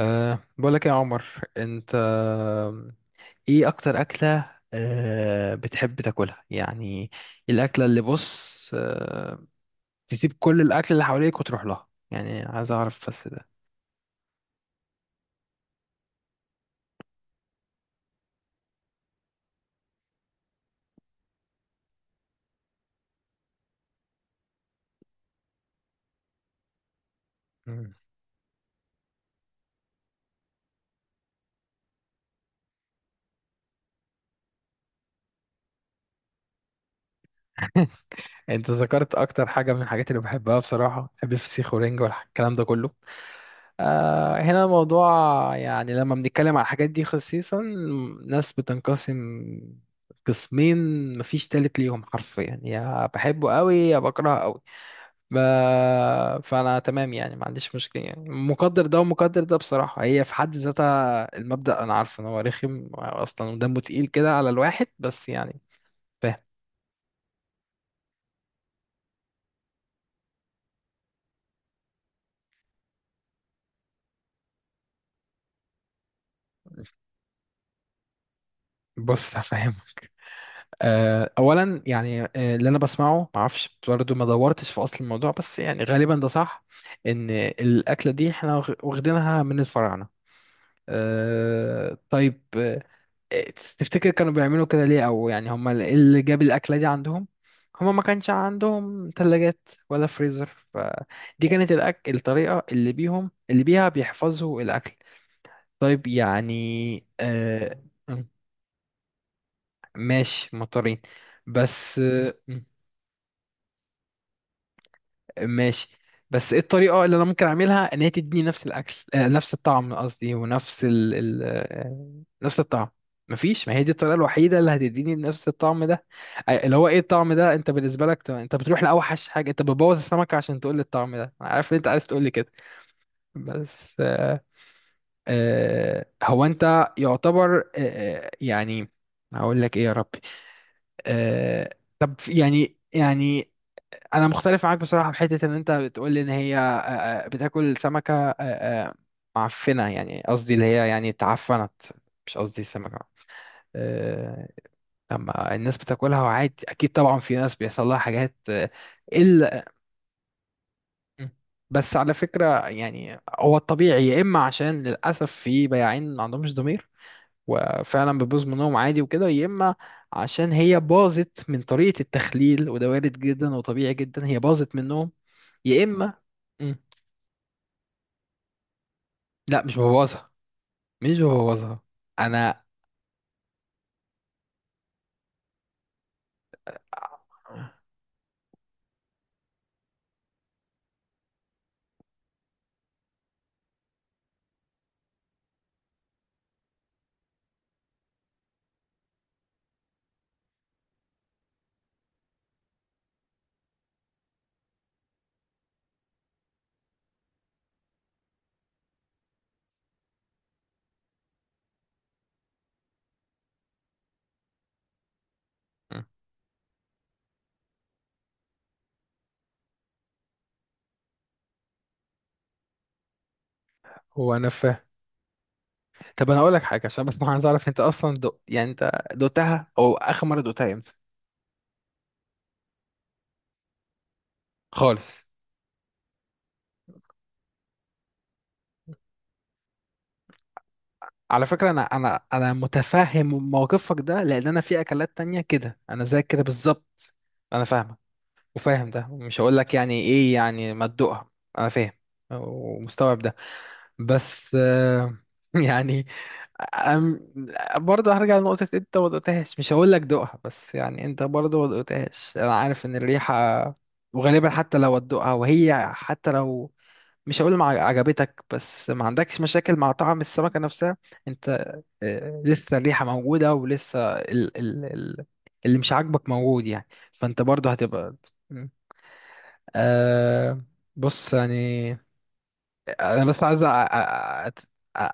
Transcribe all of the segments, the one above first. بقولك يا عمر، انت ايه اكتر اكلة بتحب تاكلها يعني؟ الاكلة اللي بص تسيب كل الاكل اللي حواليك وتروح لها، يعني عايز اعرف بس ده. مم. انت ذكرت اكتر حاجة من الحاجات اللي بحبها، بصراحة بحب الفسيخ ورنج والكلام ده كله. هنا الموضوع، يعني لما بنتكلم على الحاجات دي خصيصا، ناس بتنقسم قسمين، مفيش تالت ليهم، حرفيا يا بحبه قوي يا بكرهه قوي. ب... فانا تمام يعني، ما عنديش مشكله، يعني مقدر ده ومقدر ده بصراحه، هي في حد ذاتها المبدا انا عارف ان هو رخم اصلا ودمه تقيل كده على الواحد، بس يعني فاهم. بص هفهم. اولا يعني اللي انا بسمعه، ما اعرفش برضه، ما دورتش في اصل الموضوع، بس يعني غالبا ده صح، ان الاكله دي احنا واخدينها من الفراعنه. طيب، تفتكر كانوا بيعملوا كده ليه، او يعني هم اللي جاب الاكله دي عندهم؟ هم ما كانش عندهم ثلاجات ولا فريزر، فدي كانت الطريقه اللي بيهم اللي بيها بيحفظوا الاكل. طيب يعني م- ماشي مضطرين، بس ماشي. بس ايه الطريقة اللي انا ممكن اعملها ان هي تديني نفس الاكل، نفس الطعم قصدي، ونفس ال... ال... آه، نفس الطعم؟ مفيش، ما هي دي الطريقة الوحيدة اللي هتديني نفس الطعم ده. اللي هو ايه الطعم ده انت بالنسبة لك؟ طب انت بتروح لأوحش حاجة، انت بتبوظ السمكة عشان تقول لي الطعم ده، أنا عارف ان انت عايز تقول لي كده. بس هو انت يعتبر يعني هقول لك ايه يا ربي. طب يعني يعني انا مختلف معاك بصراحه، في حته ان انت بتقول لي ان هي بتاكل سمكه معفنه، يعني قصدي اللي هي يعني اتعفنت، مش قصدي السمكه. آه، لما الناس بتاكلها وعادي، اكيد طبعا في ناس بيحصل لها حاجات الا. م. بس على فكره يعني، هو الطبيعي يا اما عشان للاسف في بياعين ما عندهمش ضمير، وفعلا بتبوظ منهم عادي وكده، يا اما عشان هي باظت من طريقة التخليل، وده وارد جدا وطبيعي جدا هي باظت منهم، يا اما. مم. لا مش ببوظها، مش ببوظها انا. مم. هو انا فاهم. طب انا اقول لك حاجه، عشان بس انا عايز اعرف انت اصلا يعني انت دوقتها، او اخر مره دوقتها امتى؟ خالص. على فكره انا متفهم موقفك ده، لان انا في اكلات تانية كده انا زيك كده بالظبط. انا فاهمك، وفاهم ده، مش هقول لك يعني ايه يعني ما تدوقها، انا فاهم ومستوعب ده. بس يعني أم- برضه هرجع لنقطة انت ما دقتهاش، مش هقول لك دوقها، بس يعني انت برضه ما دقتهاش، انا عارف ان الريحة، وغالبا حتى لو هتدوقها، وهي حتى لو مش هقول ما عجبتك، بس ما عندكش مشاكل مع طعم السمكة نفسها انت. لسه الريحة موجودة ولسه ال اللي مش عاجبك موجود، يعني فانت برضه هتبقى. أه بص يعني انا بس عايز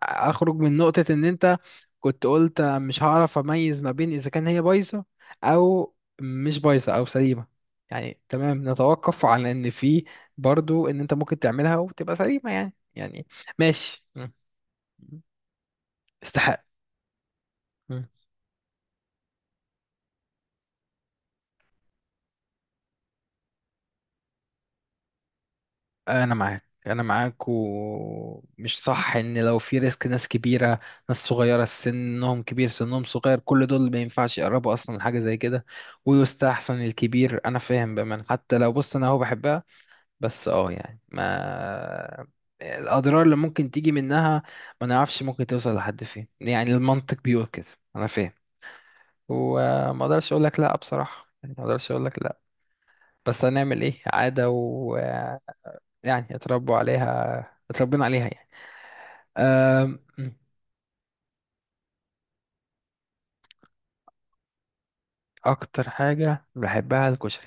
اخرج من نقطة ان انت كنت قلت مش هعرف اميز ما بين اذا كان هي بايظة او مش بايظة او سليمة. يعني تمام، نتوقف على ان في برضو ان انت ممكن تعملها وتبقى سليمة يعني يعني. ماشي. مم. استحق. انا معاك انا معاك، ومش صح ان لو في ريسك، ناس كبيره، ناس صغيره، سنهم كبير سنهم صغير، كل دول ما ينفعش يقربوا اصلا لحاجه زي كده، ويستحسن الكبير. انا فاهم بأمان حتى لو، بص انا هو بحبها، بس اه يعني ما الاضرار اللي ممكن تيجي منها ما نعرفش ممكن توصل لحد فين، يعني المنطق بيقول كده. انا فاهم، وما اقدرش اقول لك لا بصراحه، يعني ما اقدرش اقول لك لا. بس هنعمل ايه، عاده يعني، اتربوا عليها، اتربينا عليها يعني. أم، اكتر حاجة بحبها الكشري،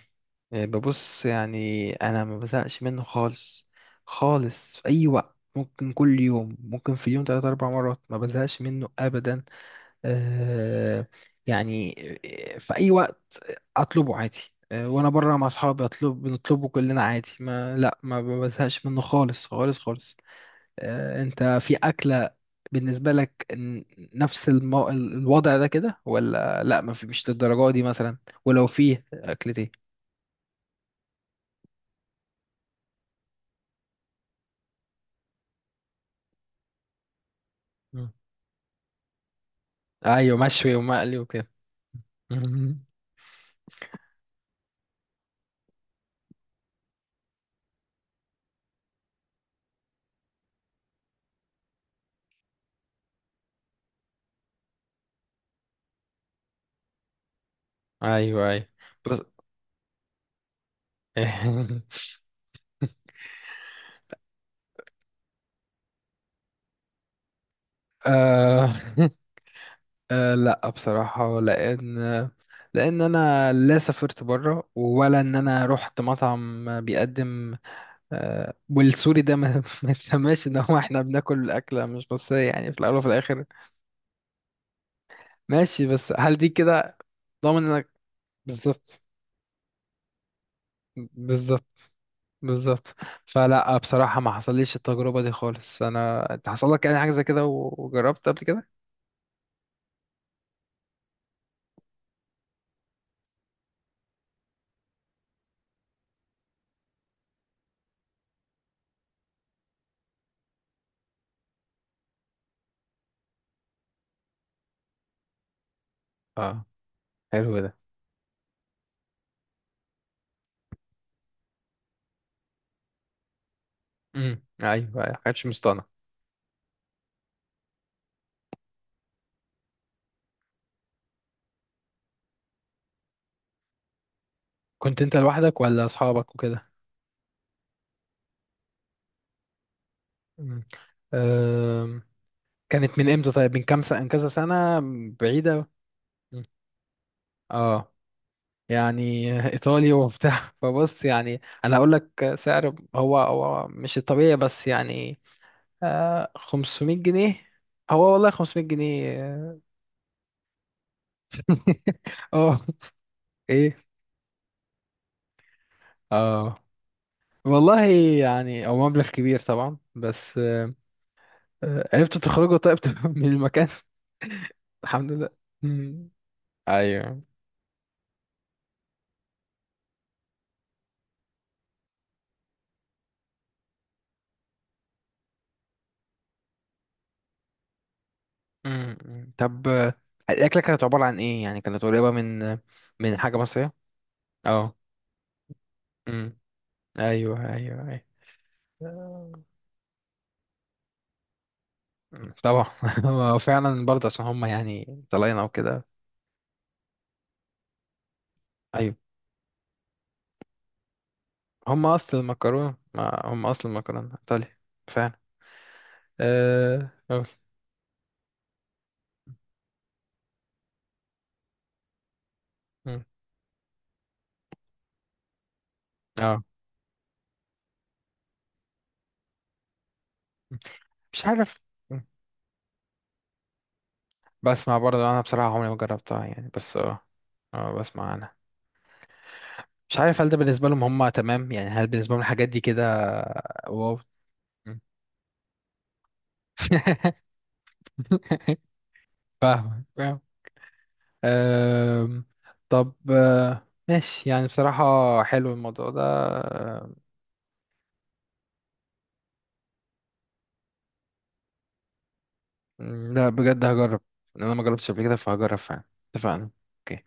يعني ببص يعني انا ما بزهقش منه خالص خالص، في اي وقت ممكن، كل يوم ممكن، في اليوم ثلاث اربع مرات ما بزهقش منه ابدا. أه يعني في اي وقت اطلبه عادي. وانا بره مع اصحابي اطلب، بنطلبه كلنا عادي، ما لا ما بزهقش منه خالص خالص خالص. انت في اكلة بالنسبة لك نفس الوضع ده كده ولا لا؟ ما في، مش للدرجة دي مثلا، ولو فيه أكلة إيه؟ مم. أيوة مشوي ومقلي وكده. مم. ايوه ايوه. بص آه... آه لا بصراحة، لأن أنا لا سافرت بره، ولا إن أنا رحت مطعم بيقدم والسوري ده ما, ما تسماش إن هو إحنا بناكل أكلة مش، بس يعني في الأول وفي الآخر. ماشي، بس هل دي كده ضامن انك؟ بالظبط، بالظبط، بالظبط. فلا بصراحة ما حصليش التجربة دي خالص انا، انت حصل لك يعني حاجة زي كده وجربت قبل كده؟ اه، حلو ده. امم، ايوه، ما كانتش مصطنع. كنت انت لوحدك ولا اصحابك وكده؟ امم. أم، كانت من امتى طيب، من كام سنة من كذا سنة؟ بعيدة. مم. اه. يعني ايطالي وبتاع فبص يعني انا هقول لك سعر، هو هو مش الطبيعي بس يعني 500 جنيه. هو والله 500 جنيه؟ اه. آه، ايه؟ اه والله. يعني هو مبلغ كبير طبعا، بس آه عرفت تخرجه طيب من المكان؟ الحمد لله. مم. ايوه. مم، مم. طب الاكله كانت عباره عن ايه يعني؟ كانت قريبه من من حاجه مصريه؟ اه. مم. ايوه ايوه ايوه. آه، مم، طبعا. هو فعلا برضه عشان هم يعني طلعنا وكده. ايوه. هم اصل المكرونه، ما هم اصل المكرونه ايطالي، فعلا. اه أقول. مم. اه. مش عارف. مم. بسمع برضه انا بصراحه، عمري ما جربتها يعني، بس اه اه بسمع انا. مش عارف هل ده بالنسبه لهم هم تمام يعني، هل بالنسبه لهم الحاجات دي كده؟ واو. مم. فاهم فاهم. أم، طب ماشي، يعني بصراحة حلو الموضوع ده. لا بجد هجرب. انا ما جربتش قبل كده فهجرب فعلا. اتفقنا. اوكي.